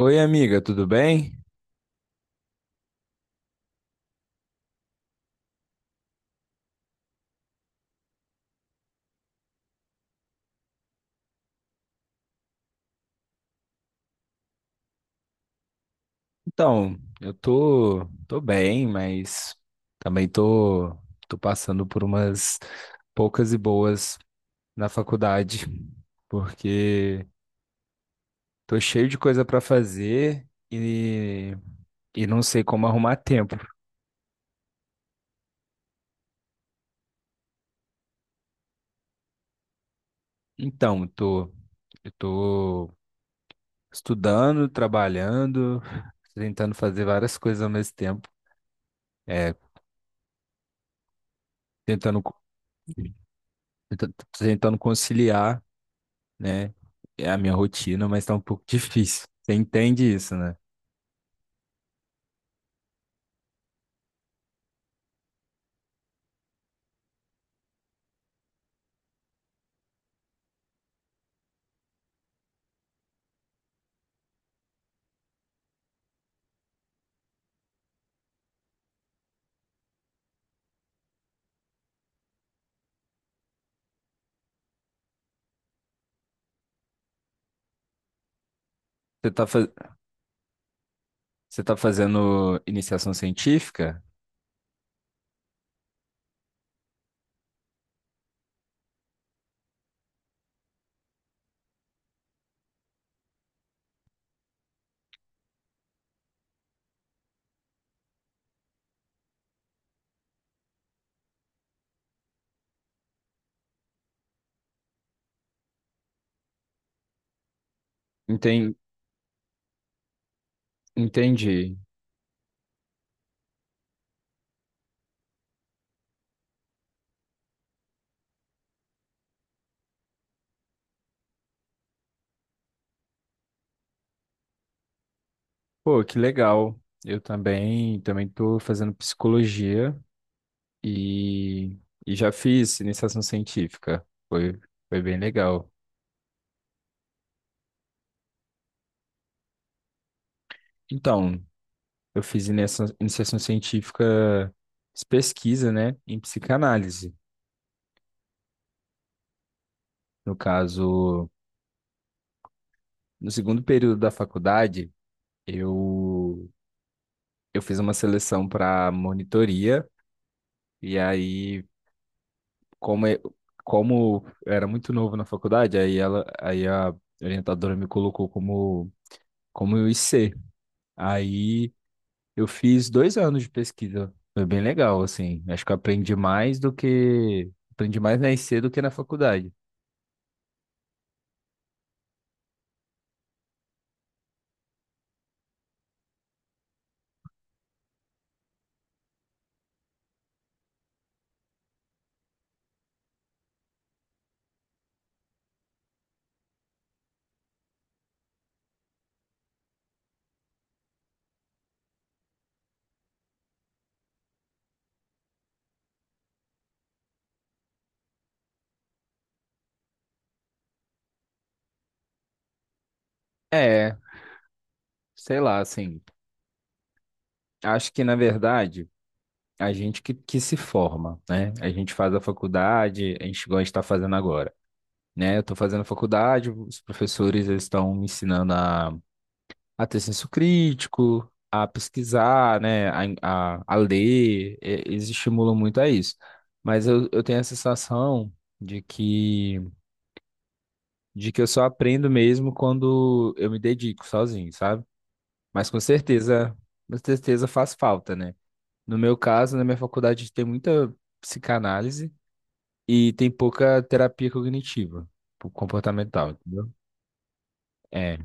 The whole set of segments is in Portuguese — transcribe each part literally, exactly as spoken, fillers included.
Oi, amiga, tudo bem? Então, eu tô, tô bem, mas também tô, tô passando por umas poucas e boas na faculdade, porque tô cheio de coisa pra fazer e, e não sei como arrumar tempo. Então, tô, eu tô estudando, trabalhando, tentando fazer várias coisas ao mesmo tempo, é, tentando, co- tenta- tentando conciliar, né? É a minha rotina, mas tá um pouco difícil. Você entende isso, né? Você tá, fa- Você tá fazendo iniciação científica? Enten- Entendi. Pô, que legal. Eu também, também tô fazendo psicologia e, e já fiz iniciação científica. Foi, foi bem legal. Então, eu fiz iniciação, iniciação científica, fiz pesquisa, né, em psicanálise. No caso, no segundo período da faculdade, eu eu fiz uma seleção para monitoria, e aí, como, eu- como eu era muito novo na faculdade, aí ela, aí a orientadora me colocou como, como I C. Aí eu fiz dois anos de pesquisa. Foi bem legal, assim. Acho que eu aprendi mais do que. Aprendi mais na I C do que na faculdade. É, sei lá, assim. Acho que, na verdade, a gente que, que se forma, né? A gente faz a faculdade, a gente gosta de estar fazendo agora, né? Eu estou fazendo faculdade, os professores eles estão me ensinando a, a ter senso crítico, a pesquisar, né? A, a, a ler, e- eles estimulam muito a isso. Mas eu, eu tenho a sensação de que, de que eu só aprendo mesmo quando eu me dedico sozinho, sabe? Mas com certeza, com certeza faz falta, né? No meu caso, na minha faculdade tem muita psicanálise e tem pouca terapia cognitiva, tipo, comportamental, entendeu? É.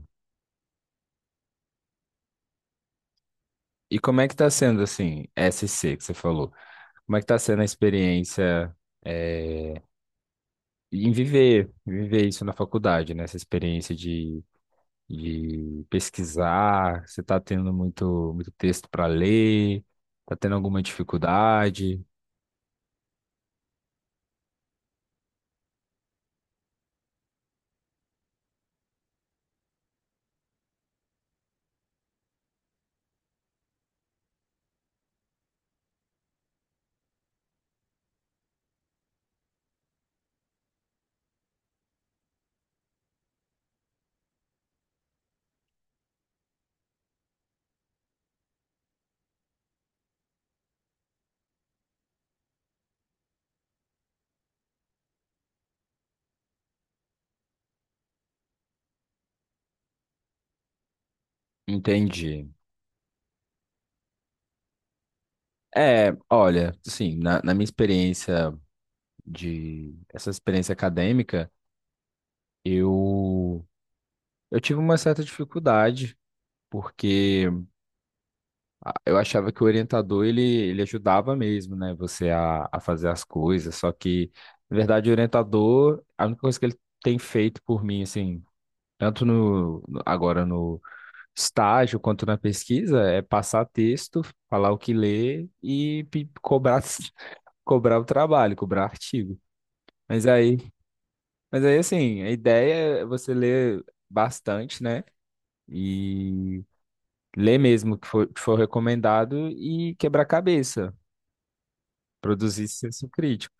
E como é que tá sendo, assim, S C que você falou? Como é que tá sendo a experiência eh, em viver, viver isso na faculdade, né? Essa experiência de, de pesquisar, você tá tendo muito, muito texto para ler, tá tendo alguma dificuldade? Entendi. É, olha, assim, na, na minha experiência de, essa experiência acadêmica, eu, eu tive uma certa dificuldade, porque a- eu achava que o orientador ele, ele ajudava mesmo, né? Você a, a fazer as coisas. Só que, na verdade, o orientador, a única coisa que ele tem feito por mim, assim, tanto no, no- agora no estágio quanto na pesquisa, é passar texto, falar o que ler e pe- cobrar, cobrar o trabalho, cobrar artigo. Mas aí, mas aí, assim, a ideia é você ler bastante, né? E ler mesmo o que for, que for recomendado e quebrar cabeça. Produzir senso crítico.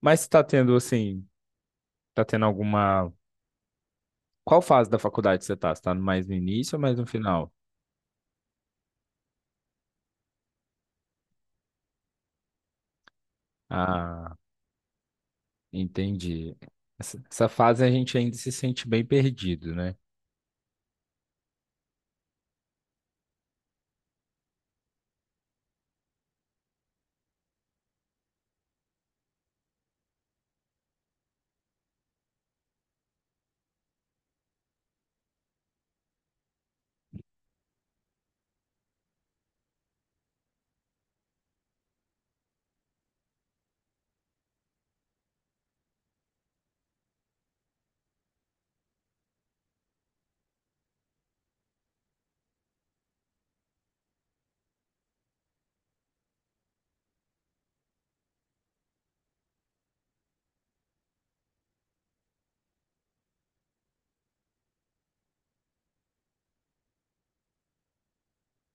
Mas você tá tendo, assim, tá tendo alguma. Qual fase da faculdade você tá? Você tá mais no início ou mais no final? Ah, entendi. Essa, essa fase a gente ainda se sente bem perdido, né?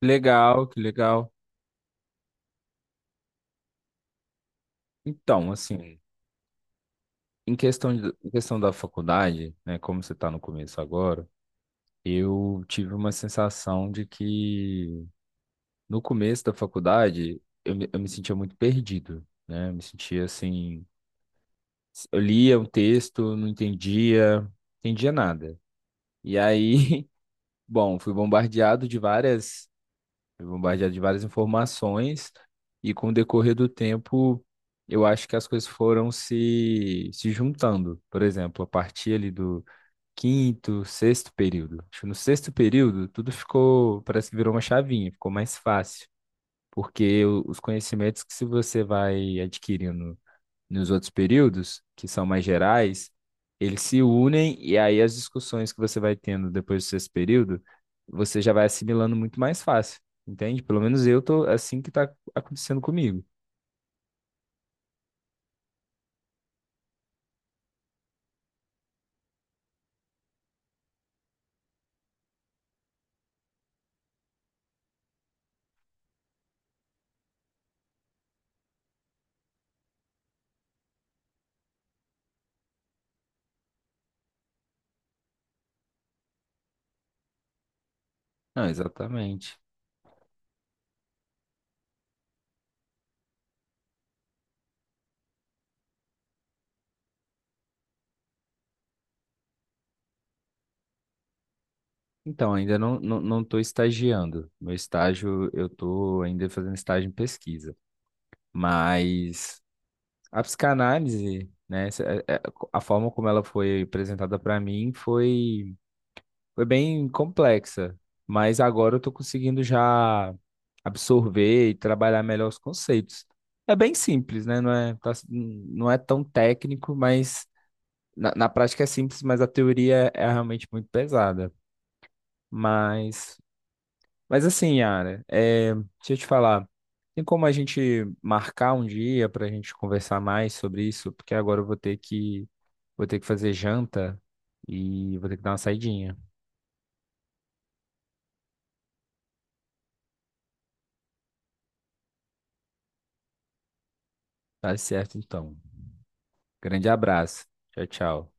Legal, que legal. Então, assim, em questão de, em questão da faculdade, né, como você está no começo agora, eu tive uma sensação de que no começo da faculdade eu, me- eu me sentia muito perdido, né? Eu me sentia assim. Eu lia o texto, não entendia, entendia nada. E aí, bom, fui bombardeado de várias, fui bombardeado de várias informações e com o decorrer do tempo, eu acho que as coisas foram se se juntando. Por exemplo, a partir ali do quinto, sexto período. Acho que no sexto período tudo ficou, parece que virou uma chavinha, ficou mais fácil, porque o- os conhecimentos que se você vai adquirindo nos outros períodos, que são mais gerais, eles se unem e aí as discussões que você vai tendo depois do sexto período, você já vai assimilando muito mais fácil, entende? Pelo menos eu tô assim que tá acontecendo comigo. Não, exatamente. Então, ainda não, não, não tô estagiando. Meu estágio, eu tô ainda fazendo estágio em pesquisa. Mas a psicanálise, né, essa- é- é- a forma como ela foi apresentada para mim foi foi bem complexa, mas agora eu tô conseguindo já absorver e trabalhar melhor os conceitos. É bem simples, né? Não é, tá- não é tão técnico, mas na, na prática é simples, mas a teoria é é realmente muito pesada. Mas, mas assim, Yara, é, deixa eu te falar. Tem como a gente marcar um dia para a gente conversar mais sobre isso? Porque agora eu vou ter que, vou ter que fazer janta e vou ter que dar uma saidinha. Tá certo, então. Grande abraço. Tchau, tchau.